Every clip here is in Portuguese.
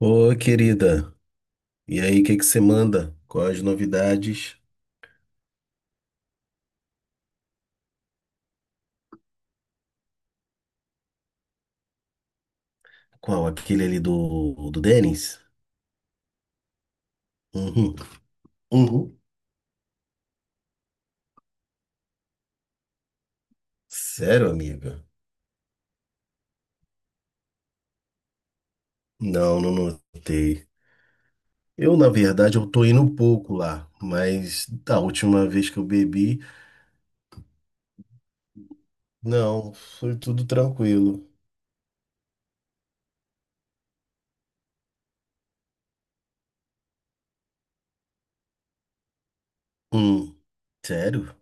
Ô, querida, e aí, o que que você manda? Quais as novidades? Qual? Aquele ali do Denis? Uhum. Uhum. Sério, amiga? Não, não notei. Eu, na verdade, eu tô indo um pouco lá, mas da última vez que eu bebi, não, foi tudo tranquilo. Hum. Sério?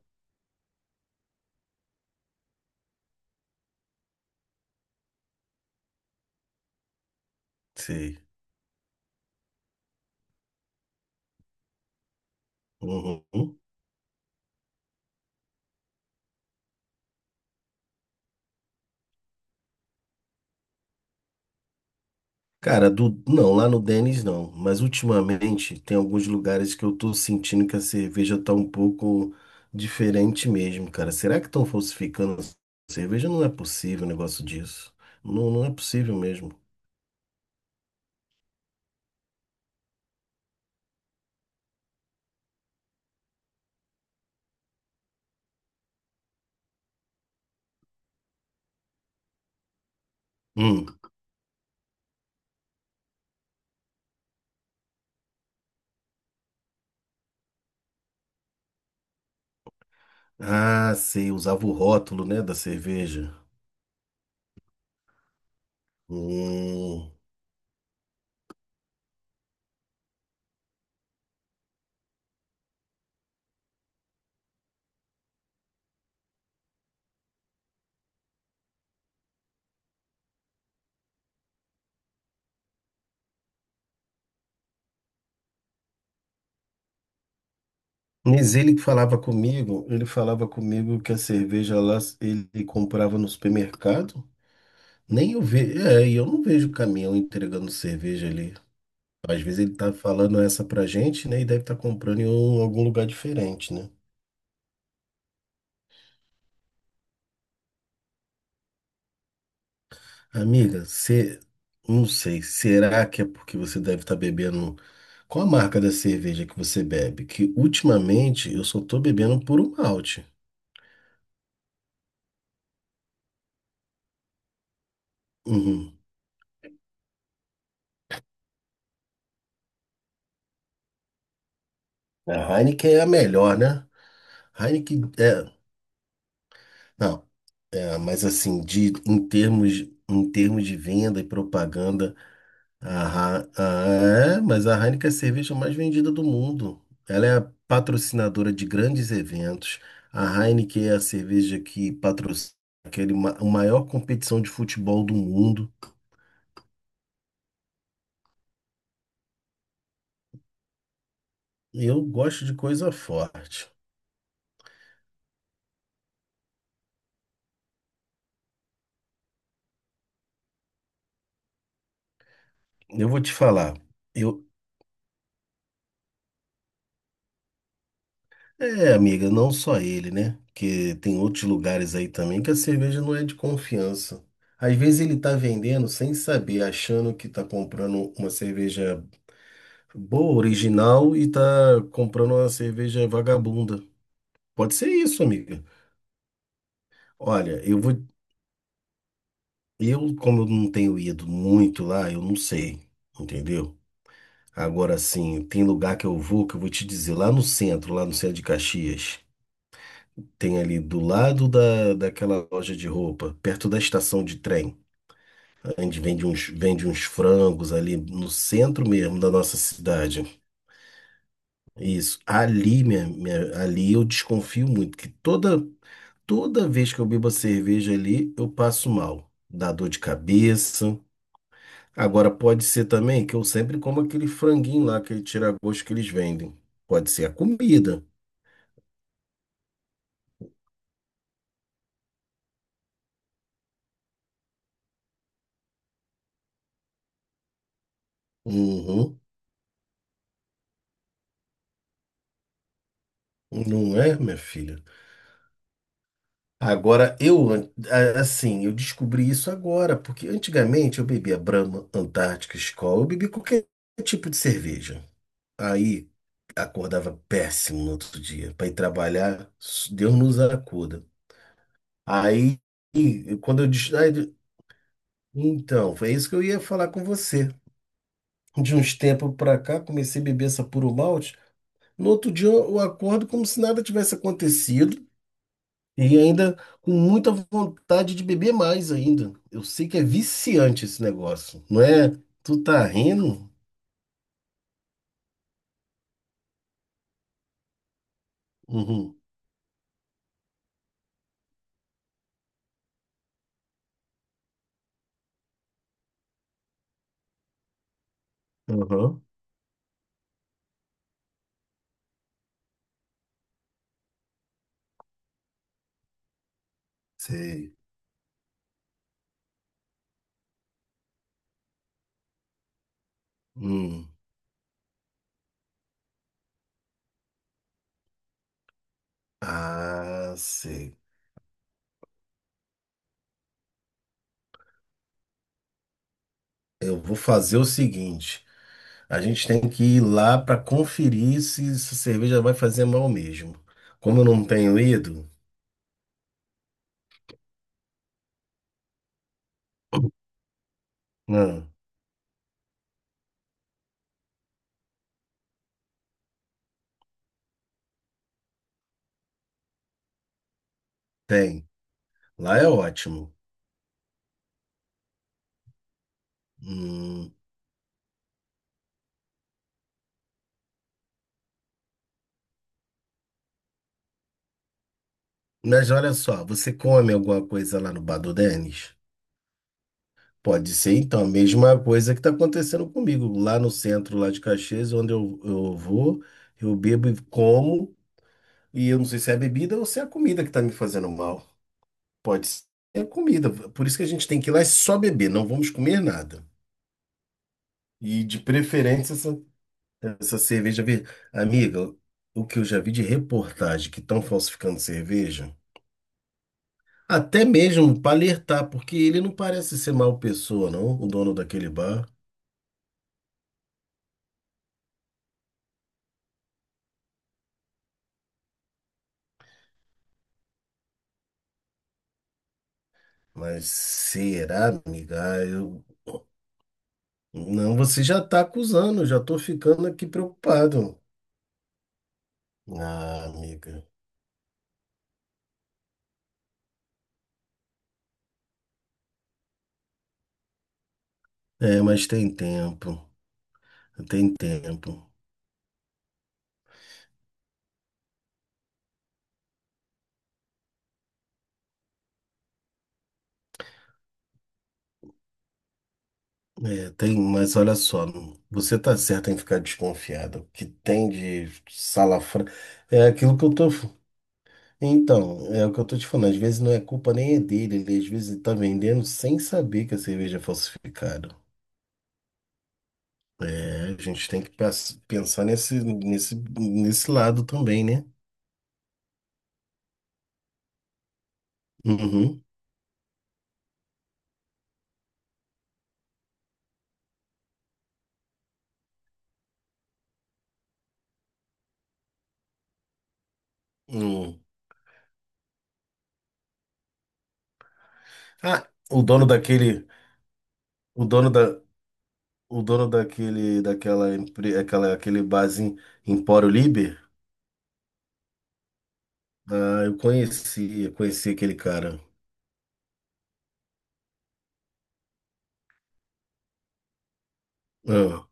Sei. Uhum. Cara, do... não, lá no Denny's não. Mas ultimamente tem alguns lugares que eu tô sentindo que a cerveja tá um pouco diferente mesmo, cara. Será que estão falsificando a cerveja? Não é possível um negócio disso. Não, não é possível mesmo. Hum. Ah, sei, usava o rótulo, né, da cerveja. Hum. Mas ele que falava comigo que a cerveja lá ele comprava no supermercado. Nem eu vejo, é, e eu não vejo caminhão entregando cerveja ali. Às vezes ele tá falando essa pra gente, né? E deve estar comprando algum lugar diferente, né? Amiga, você. Não sei. Será que é porque você deve estar bebendo. Qual a marca da cerveja que você bebe? Que ultimamente eu só tô bebendo puro malte. Uhum. A Heineken é a melhor, né? Heineken é. Não, é, mas assim, em termos de venda e propaganda. A Ha- ah, É, mas a Heineken é a cerveja mais vendida do mundo. Ela é a patrocinadora de grandes eventos. A Heineken é a cerveja que patrocina a maior competição de futebol do mundo. Eu gosto de coisa forte. Eu vou te falar. Eu, é, amiga, não só ele, né? Porque tem outros lugares aí também que a cerveja não é de confiança. Às vezes ele tá vendendo sem saber, achando que tá comprando uma cerveja boa, original e tá comprando uma cerveja vagabunda. Pode ser isso, amiga. Olha, eu vou. Eu, como eu não tenho ido muito lá, eu não sei, entendeu? Agora sim, tem lugar que eu vou te dizer, lá no centro de Caxias, tem ali do lado daquela loja de roupa, perto da estação de trem. A gente vende uns frangos ali no centro mesmo da nossa cidade. Isso. Ali, ali eu desconfio muito, que toda. Toda vez que eu bebo a cerveja ali, eu passo mal. Dá dor de cabeça. Agora, pode ser também que eu sempre como aquele franguinho lá, aquele tira-gosto que eles vendem. Pode ser a comida. Uhum. Não é, minha filha? Agora, assim, eu descobri isso agora, porque antigamente eu bebia Brahma, Antártica, Skol, eu bebia qualquer tipo de cerveja. Aí, acordava péssimo no outro dia. Para ir trabalhar, Deus nos acuda. Aí, quando eu disse, aí então, foi isso que eu ia falar com você. De uns tempos pra cá, comecei a beber essa puro malte. No outro dia, eu acordo como se nada tivesse acontecido e ainda com muita vontade de beber mais ainda. Eu sei que é viciante esse negócio, não é? Tu tá rindo? Uhum. Uhum. Sei. Hum. Ah, sei. Eu vou fazer o seguinte. A gente tem que ir lá para conferir se essa cerveja vai fazer mal mesmo. Como eu não tenho ido, não, tem. Lá é ótimo. Hum, mas olha só, você come alguma coisa lá no Bar do Denis? Pode ser, então, a mesma coisa que está acontecendo comigo. Lá no centro, lá de Caxias, onde eu vou, eu bebo e como, e eu não sei se é a bebida ou se é a comida que está me fazendo mal. Pode ser a comida. Por isso que a gente tem que ir lá e só beber, não vamos comer nada. E de preferência essa cerveja verde. Amiga, o que eu já vi de reportagem que estão falsificando cerveja, até mesmo para alertar, porque ele não parece ser mal pessoa, não, o dono daquele bar. Mas será, amiga? Ah, eu... Não, você já tá acusando, eu já tô ficando aqui preocupado. Ah, amiga. É, mas tem tempo. Tem tempo. É, tem, mas olha só, você tá certo em ficar desconfiado. O que tem de salafra é aquilo que eu tô. Então, é o que eu tô te falando. Às vezes não é culpa nem é dele, ele às vezes tá vendendo sem saber que a cerveja é falsificada. É, a gente tem que pensar nesse, nesse lado também, né? Uhum. Hum. Ah, o dono daquele, o dono da, o dono daquele, daquela, empre- aquela, aquele barzinho Empório Liber. Ah, eu conheci aquele cara. Ah,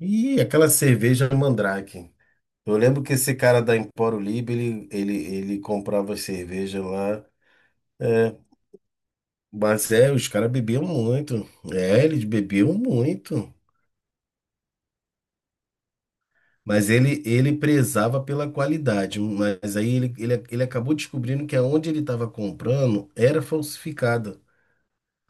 e aquela cerveja Mandrake. Eu lembro que esse cara da Empório Libre, ele comprava cerveja lá. É, mas é, os caras bebiam muito. É, eles bebiam muito. Mas ele prezava pela qualidade. Mas aí ele acabou descobrindo que aonde ele estava comprando era falsificada.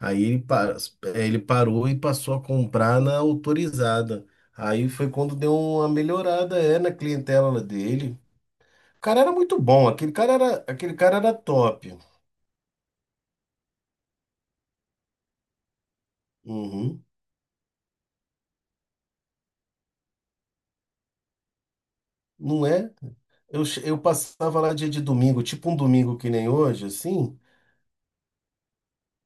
Aí ele parou e passou a comprar na autorizada. Aí foi quando deu uma melhorada, é, na clientela dele. O cara era muito bom, aquele cara era top. Uhum. Não é? Eu passava lá dia de domingo, tipo um domingo que nem hoje, assim.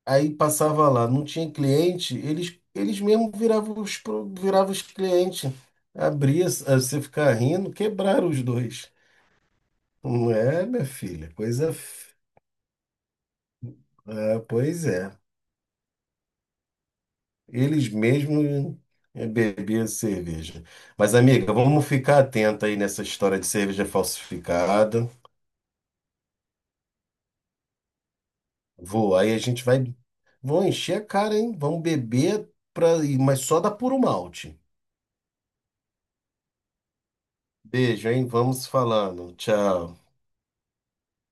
Aí passava lá, não tinha cliente, eles mesmo viravam os, pro- viravam os clientes. Abria, você ficar rindo, quebraram os dois. Não é, minha filha? Ah, pois é. Eles mesmos é, bebiam cerveja. Mas, amiga, vamos ficar atenta aí nessa história de cerveja falsificada. Vou, aí a gente vai. Vão encher a cara, hein? Vamos beber, pra... mas só da puro malte. Beijo, hein? Vamos falando. Tchau.